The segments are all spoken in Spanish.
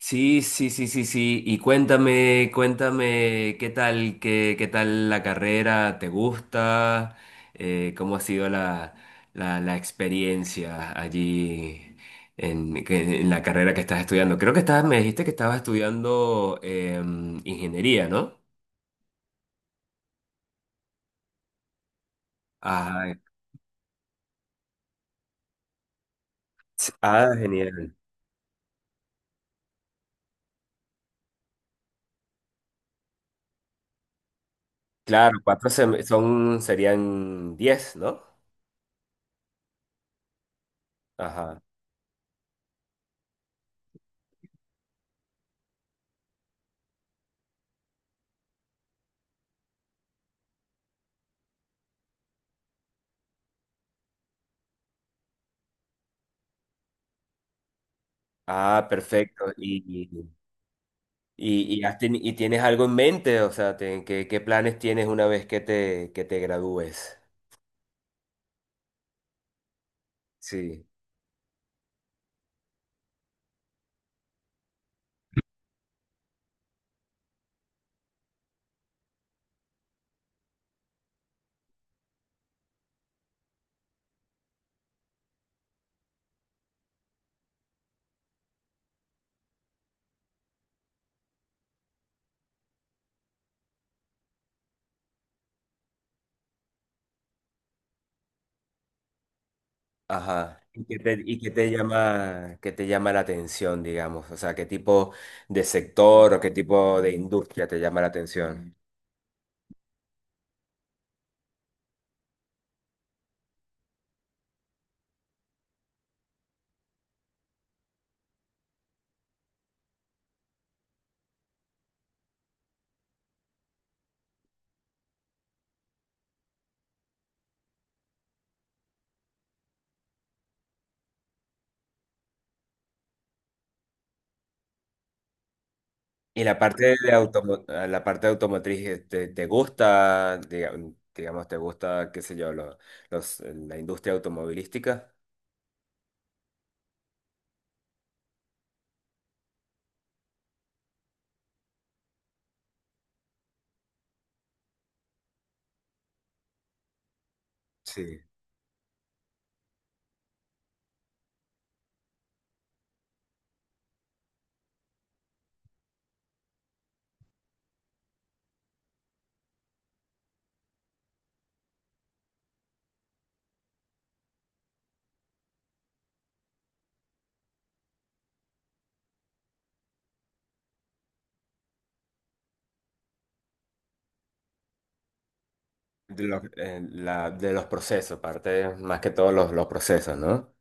Sí, sí, sí, sí, sí. Y cuéntame, cuéntame, ¿qué tal, qué tal la carrera? ¿Te gusta? ¿Cómo ha sido la experiencia allí en la carrera que estás estudiando? Me dijiste que estabas estudiando ingeniería, ¿no? Ah, ah, genial. Claro, serían 10, ¿no? Ajá. Ah, perfecto. Y tienes algo en mente, o sea, ¿Qué planes tienes una vez que te gradúes? Sí, ajá. ¿Qué te llama la atención, digamos? O sea, ¿qué tipo de sector o qué tipo de industria te llama la atención? Y la parte de automotriz, ¿te gusta, digamos, te gusta, qué sé yo, la industria automovilística? Sí. De los procesos, parte más que todos los procesos, ¿no?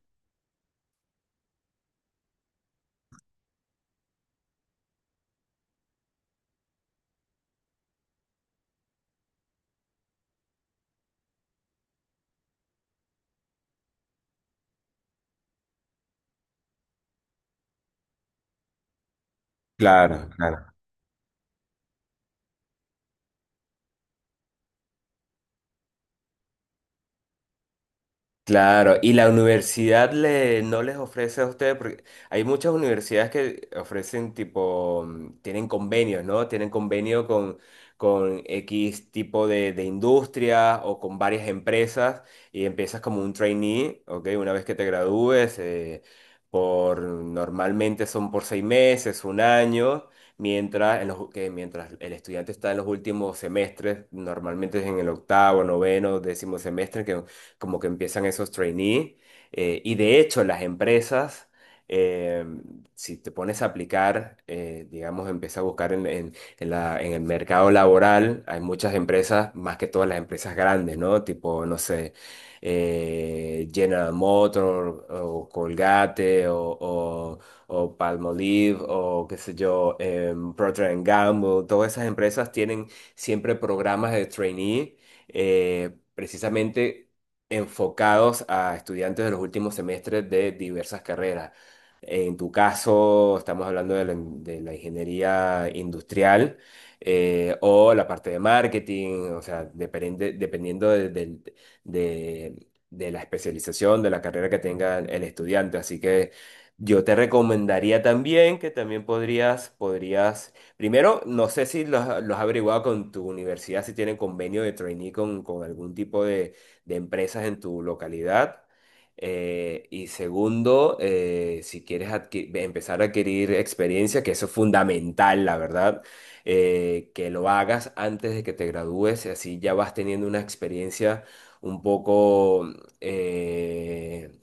Claro, claro, claro. Y la universidad no les ofrece a ustedes, porque hay muchas universidades que ofrecen tipo, tienen convenios, ¿no? Tienen convenio con X tipo de industria o con varias empresas, y empiezas como un trainee, ¿ok? Una vez que te gradúes, normalmente son por 6 meses, un año. Mientras, en los- que mientras el estudiante está en los últimos semestres, normalmente es en el octavo, noveno, décimo semestre, que como que empiezan esos trainees. Y de hecho, las empresas, eh, si te pones a aplicar, digamos, empieza a buscar en el mercado laboral, hay muchas empresas, más que todas las empresas grandes, ¿no? Tipo, no sé, General Motors o Colgate o Palmolive o qué sé yo, Procter and Gamble, todas esas empresas tienen siempre programas de trainee. Precisamente enfocados a estudiantes de los últimos semestres de diversas carreras. En tu caso, estamos hablando de la ingeniería industrial, o la parte de marketing, o sea, dependiendo de- de la especialización, de la carrera que tenga el estudiante. Así que yo te recomendaría también que también primero, no sé si los has averiguado con tu universidad, si tienen convenio de trainee con algún tipo de empresas en tu localidad. Y segundo, si quieres empezar a adquirir experiencia, que eso es fundamental, la verdad, que lo hagas antes de que te gradúes, así ya vas teniendo una experiencia un poco, eh,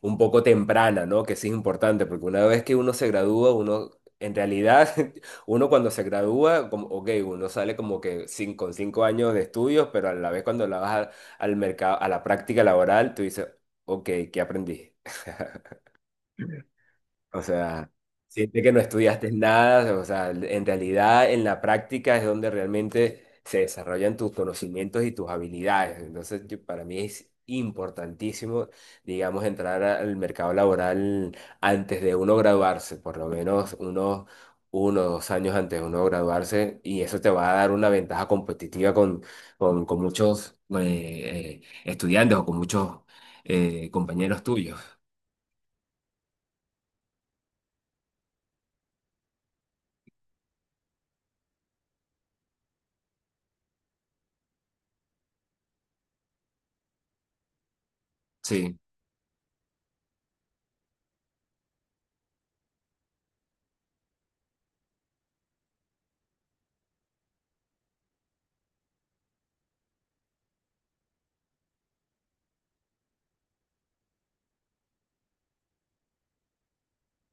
un poco temprana, ¿no? Que sí es importante, porque una vez que uno se gradúa, uno, en realidad, uno cuando se gradúa, como, ok, uno sale como que con 5 años de estudios, pero a la vez cuando al mercado, a la práctica laboral, tú dices, ok, ¿qué aprendí? O sea, siente que no estudiaste nada, o sea, en realidad en la práctica es donde realmente se desarrollan tus conocimientos y tus habilidades. Entonces, para mí es importantísimo, digamos, entrar al mercado laboral antes de uno graduarse, por lo menos 1 o 2 años antes de uno graduarse, y eso te va a dar una ventaja competitiva con muchos estudiantes o con muchos compañeros tuyos. Sí.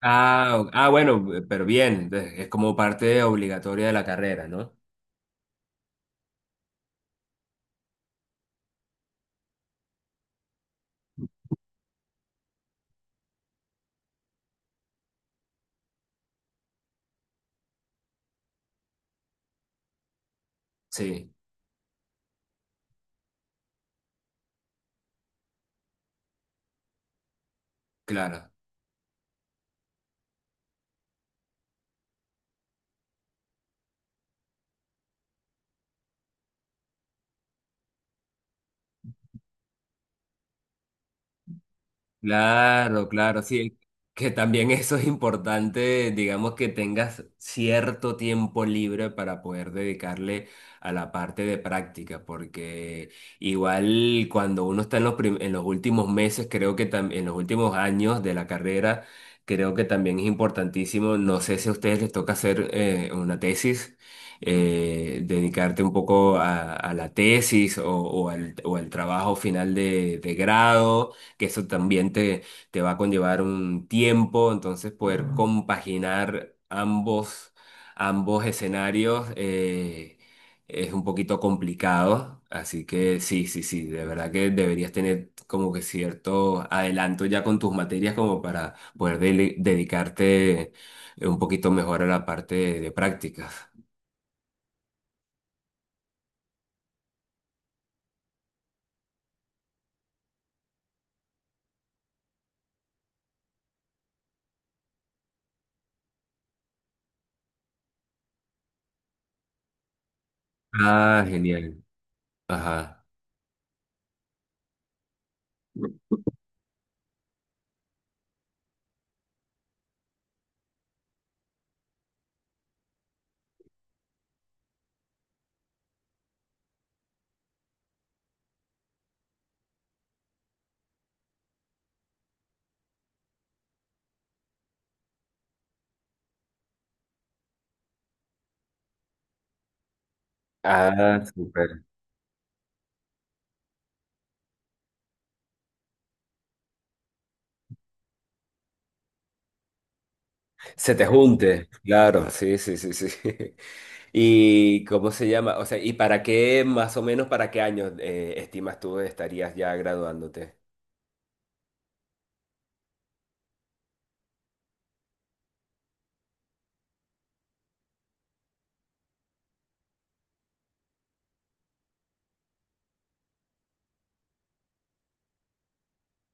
Ah, bueno, pero bien, entonces, es como parte obligatoria de la carrera, ¿no? Sí, claro. Claro, claro, sí. Que también eso es importante, digamos que tengas cierto tiempo libre para poder dedicarle a la parte de práctica, porque igual cuando uno está en en los últimos meses, creo que también en los últimos años de la carrera, creo que también es importantísimo, no sé si a ustedes les toca hacer una tesis, dedicarte un poco a la tesis o al trabajo final de grado, que eso también te va a conllevar un tiempo, entonces poder compaginar ambos escenarios, es un poquito complicado, así que sí, sí, sí, de verdad que deberías tener como que cierto adelanto ya con tus materias como para poder dedicarte un poquito mejor a la parte de prácticas. Ah, genial. Ajá. Ah, súper. Se te junte, claro, sí, sí, sí, sí. ¿Y cómo se llama? O sea, ¿y para qué, más o menos, para qué años estimas tú estarías ya graduándote?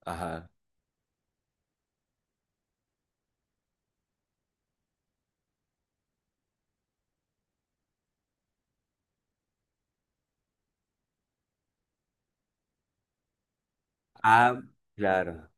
Ajá. Ah, claro.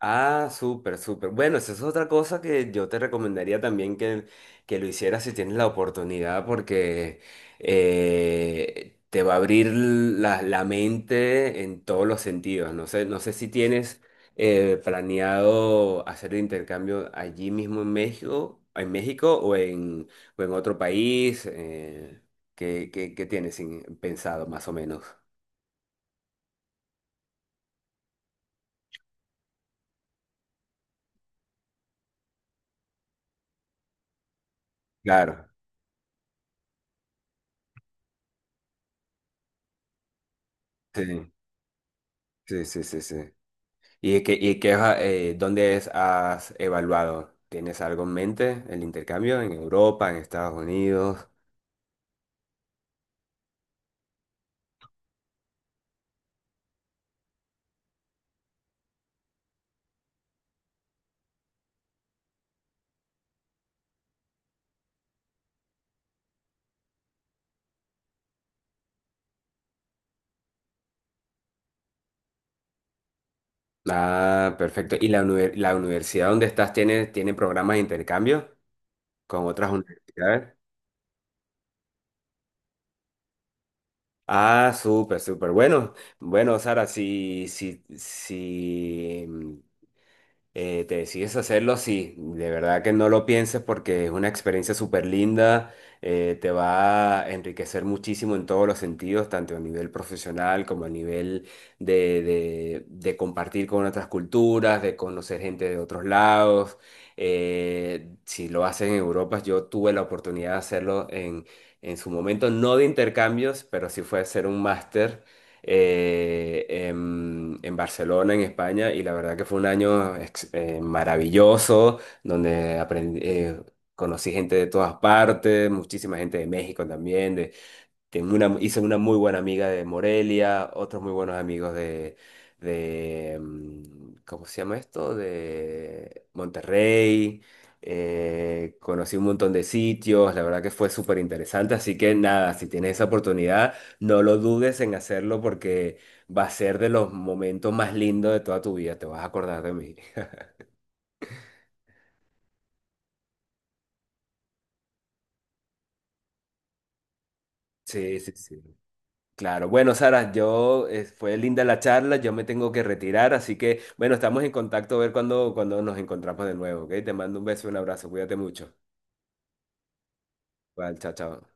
Ah, súper, súper. Bueno, esa es otra cosa que yo te recomendaría también que lo hicieras si tienes la oportunidad, porque te va a abrir la mente en todos los sentidos. No sé, no sé si tienes planeado hacer el intercambio allí mismo en México, o en o en otro país. ¿Qué tienes pensado más o menos? Claro. Sí, sí, sí, sí, sí. ¿Has evaluado? ¿Tienes algo en mente? ¿El intercambio en Europa, en Estados Unidos? Ah, perfecto. ¿Y la universidad donde estás tiene programas de intercambio con otras universidades? Ah, súper, súper. Bueno, bueno, Sara, si te decides hacerlo, sí, de verdad que no lo pienses porque es una experiencia súper linda, te va a enriquecer muchísimo en todos los sentidos, tanto a nivel profesional como a nivel de compartir con otras culturas, de conocer gente de otros lados. Si lo haces en Europa, yo tuve la oportunidad de hacerlo en su momento, no de intercambios, pero sí fue hacer un máster, en Barcelona, en España, y la verdad que fue un año maravilloso, donde aprendí, conocí gente de todas partes, muchísima gente de México también, hice una muy buena amiga de Morelia, otros muy buenos amigos ¿cómo se llama esto? De Monterrey. Conocí un montón de sitios, la verdad que fue súper interesante, así que nada, si tienes esa oportunidad, no lo dudes en hacerlo porque va a ser de los momentos más lindos de toda tu vida, te vas a acordar de mí. Sí, sí, sí. Claro, bueno, Sara, yo fue linda la charla, yo me tengo que retirar, así que bueno, estamos en contacto a ver cuando nos encontramos de nuevo, ¿ok? Te mando un beso, un abrazo, cuídate mucho. Vale, chao, chao.